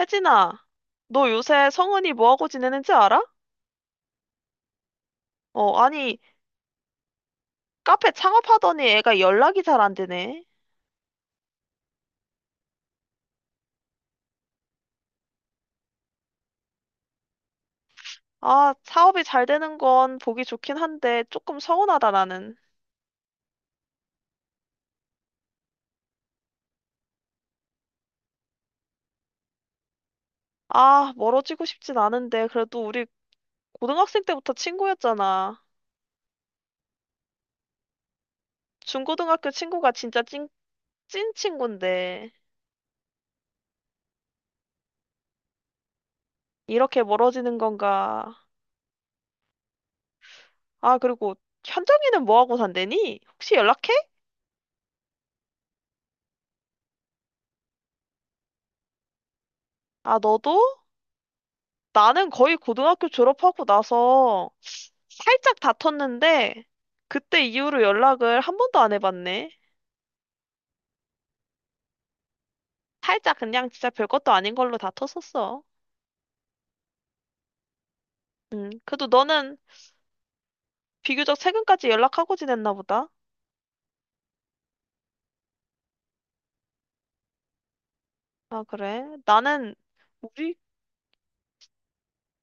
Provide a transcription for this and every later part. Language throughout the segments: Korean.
혜진아, 너 요새 성은이 뭐하고 지내는지 알아? 어, 아니, 카페 창업하더니 애가 연락이 잘 안 되네. 아, 사업이 잘 되는 건 보기 좋긴 한데 조금 서운하다, 나는. 아, 멀어지고 싶진 않은데 그래도 우리 고등학생 때부터 친구였잖아. 중고등학교 친구가 진짜 찐 친구인데 이렇게 멀어지는 건가? 아, 그리고 현정이는 뭐하고 산대니? 혹시 연락해? 아, 너도? 나는 거의 고등학교 졸업하고 나서 살짝 다퉜는데 그때 이후로 연락을 한 번도 안 해봤네. 살짝 그냥 진짜 별것도 아닌 걸로 다퉜었어. 그래도 너는 비교적 최근까지 연락하고 지냈나 보다. 아, 그래? 나는 우리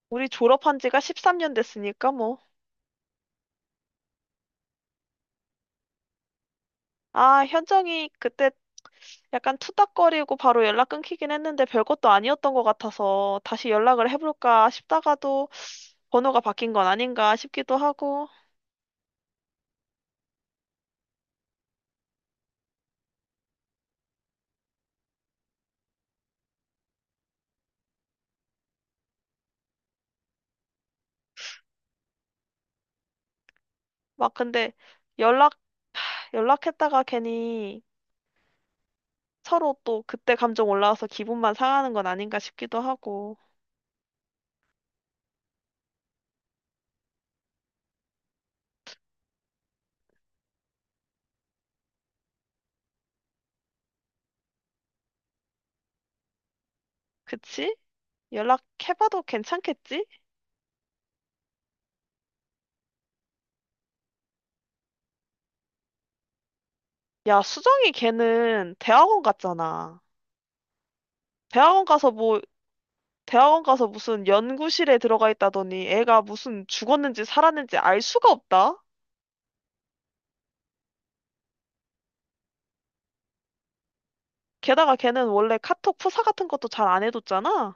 우리 졸업한 지가 13년 됐으니까 뭐. 아, 현정이 그때 약간 투닥거리고 바로 연락 끊기긴 했는데 별것도 아니었던 것 같아서 다시 연락을 해볼까 싶다가도 번호가 바뀐 건 아닌가 싶기도 하고. 막 근데 연락, 연락했다가 괜히 서로 또 그때 감정 올라와서 기분만 상하는 건 아닌가 싶기도 하고. 그치? 연락해봐도 괜찮겠지? 야, 수정이 걔는 대학원 갔잖아. 대학원 가서 뭐, 대학원 가서 무슨 연구실에 들어가 있다더니 애가 무슨 죽었는지 살았는지 알 수가 없다? 게다가 걔는 원래 카톡 프사 같은 것도 잘 안 해뒀잖아?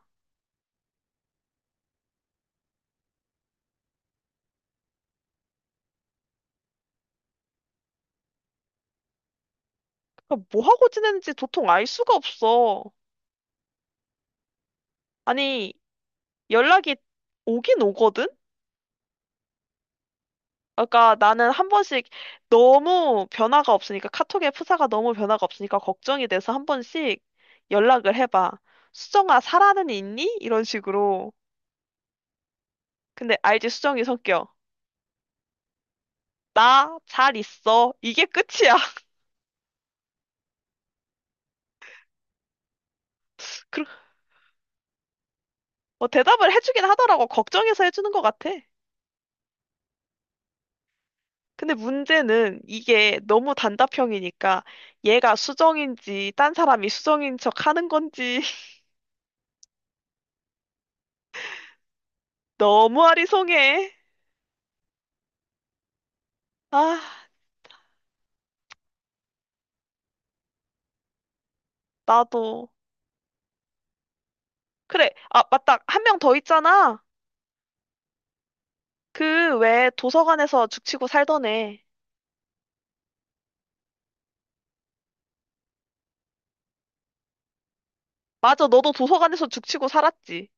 그러니까 뭐 하고 지내는지 도통 알 수가 없어. 아니, 연락이 오긴 오거든? 그러니까 나는 한 번씩 너무 변화가 없으니까 카톡의 프사가 너무 변화가 없으니까 걱정이 돼서 한 번씩 연락을 해봐. 수정아, 살아는 있니? 이런 식으로. 근데 알지, 수정이 성격. 나 잘 있어. 이게 끝이야. 그, 뭐 대답을 해주긴 하더라고. 걱정해서 해주는 것 같아. 근데 문제는 이게 너무 단답형이니까 얘가 수정인지 딴 사람이 수정인 척 하는 건지 너무 아리송해. 아, 나도. 그래. 아, 맞다. 한 명 더 있잖아. 그 왜 도서관에서 죽치고 살던 애. 맞아. 너도 도서관에서 죽치고 살았지.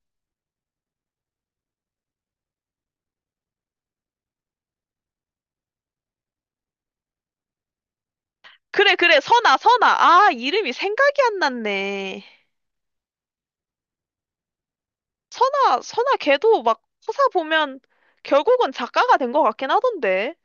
그래, 그래. 선아, 선아. 아, 이름이 생각이 안 났네. 선아, 선아 걔도 막 서사 보면 결국은 작가가 된 것 같긴 하던데.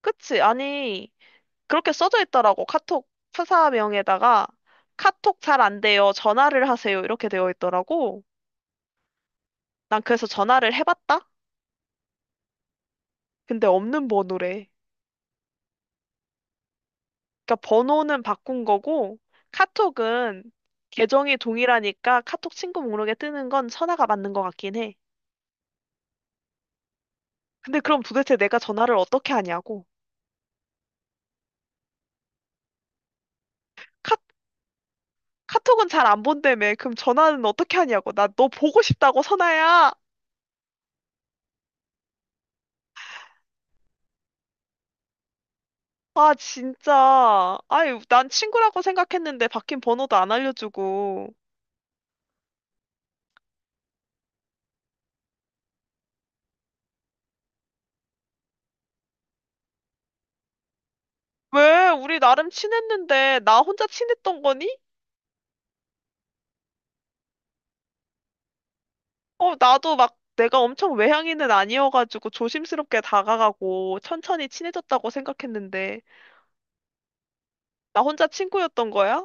그치? 아니, 그렇게 써져 있더라고. 카톡 서사명에다가 카톡 잘 안 돼요. 전화를 하세요. 이렇게 되어 있더라고. 난 그래서 전화를 해봤다? 근데 없는 번호래. 그러니까 번호는 바꾼 거고 카톡은 계정이 동일하니까 카톡 친구 목록에 뜨는 건 선아가 맞는 것 같긴 해. 근데 그럼 도대체 내가 전화를 어떻게 하냐고. 카, 카톡은 잘 안 본다며. 그럼 전화는 어떻게 하냐고. 나 너 보고 싶다고 선아야. 아 진짜. 아유 난 친구라고 생각했는데 바뀐 번호도 안 알려주고. 왜? 우리 나름 친했는데 나 혼자 친했던 거니? 어, 나도 막 내가 엄청 외향인은 아니어가지고 조심스럽게 다가가고 천천히 친해졌다고 생각했는데 나 혼자 친구였던 거야?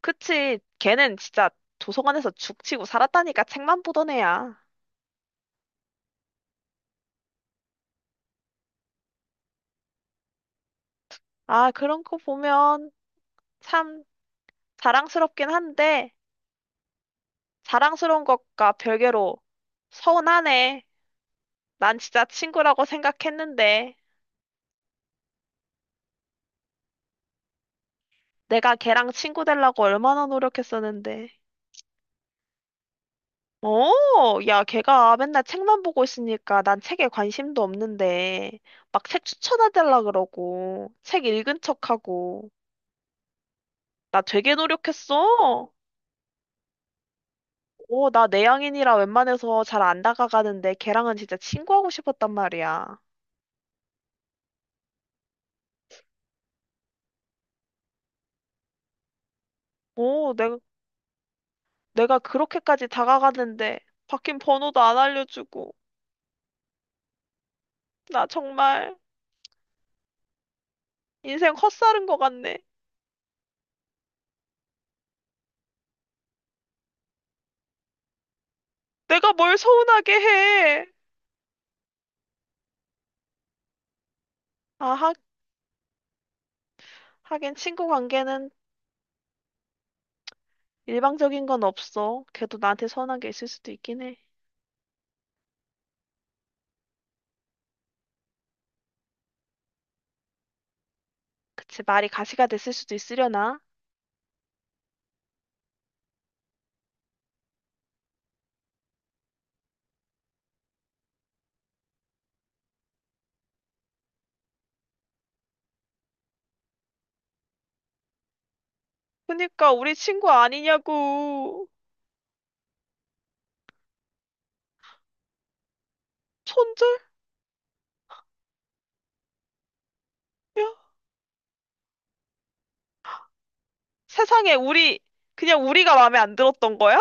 그치. 걔는 진짜 도서관에서 죽치고 살았다니까 책만 보던 애야. 아, 그런 거 보면 참 자랑스럽긴 한데 자랑스러운 것과 별개로 서운하네. 난 진짜 친구라고 생각했는데 내가 걔랑 친구 되려고 얼마나 노력했었는데. 어, 야, 걔가 맨날 책만 보고 있으니까 난 책에 관심도 없는데, 막 책 추천해달라 그러고, 책 읽은 척하고, 나 되게 노력했어. 어, 나 내향인이라 웬만해서 잘 안 다가가는데 걔랑은 진짜 친구하고 싶었단 말이야. 어, 내가, 내가 그렇게까지 다가가는데, 바뀐 번호도 안 알려주고, 나 정말 인생 헛살은 것 같네. 내가 뭘 서운하게 해. 아, 하, 하긴 친구 관계는 일방적인 건 없어. 걔도 나한테 선한 게 있을 수도 있긴 해. 그치, 말이 가시가 됐을 수도 있으려나? 그니까 우리 친구 아니냐고. 손절? 야, 세상에 우리 그냥 우리가 마음에 안 들었던 거야?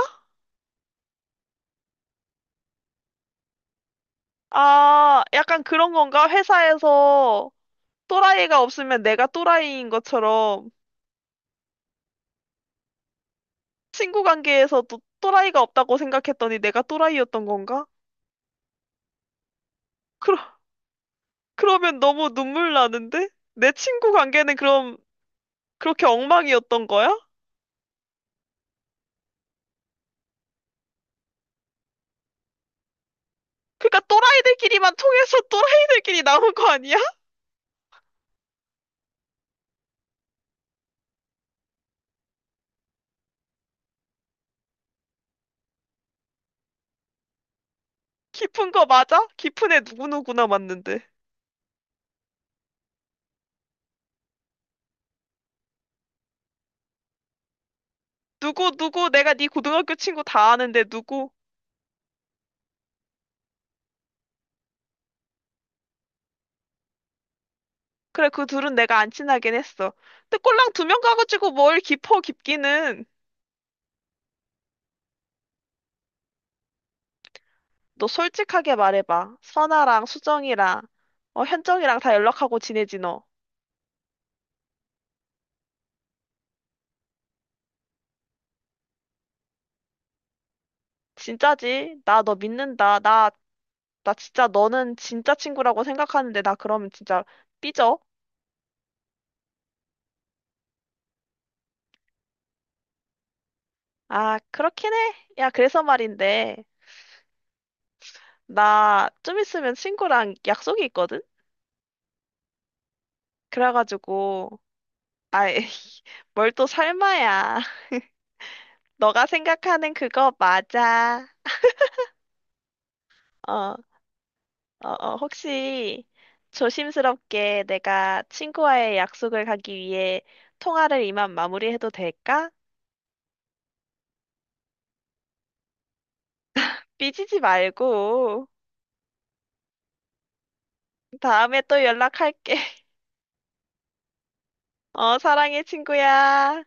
아, 약간 그런 건가? 회사에서 또라이가 없으면 내가 또라이인 것처럼 친구 관계에서도 또라이가 없다고 생각했더니 내가 또라이였던 건가? 그러, 그러면 너무 눈물 나는데? 내 친구 관계는 그럼 그렇게 엉망이었던 거야? 그러니까 또라이들끼리만 통해서 또라이들끼리 나온 거 아니야? 깊은 거 맞아? 깊은 애 누구누구나 맞는데. 누구 누구 내가 네 고등학교 친구 다 아는데 누구? 그래 그 둘은 내가 안 친하긴 했어. 근데 꼴랑 두 명 가가지고 뭘 깊어 깊기는. 너 솔직하게 말해봐. 선아랑 수정이랑 어, 현정이랑 다 연락하고 지내지 너. 진짜지? 나 너 믿는다. 나 진짜 너는 진짜 친구라고 생각하는데 나 그러면 진짜 삐져. 아, 그렇긴 해. 야, 그래서 말인데. 나 좀 있으면 친구랑 약속이 있거든? 그래가지고, 아이, 뭘 또 설마야. 너가 생각하는 그거 맞아. 어, 어, 어, 혹시 조심스럽게 내가 친구와의 약속을 가기 위해 통화를 이만 마무리해도 될까? 삐지지 말고. 다음에 또 연락할게. 어, 사랑해, 친구야.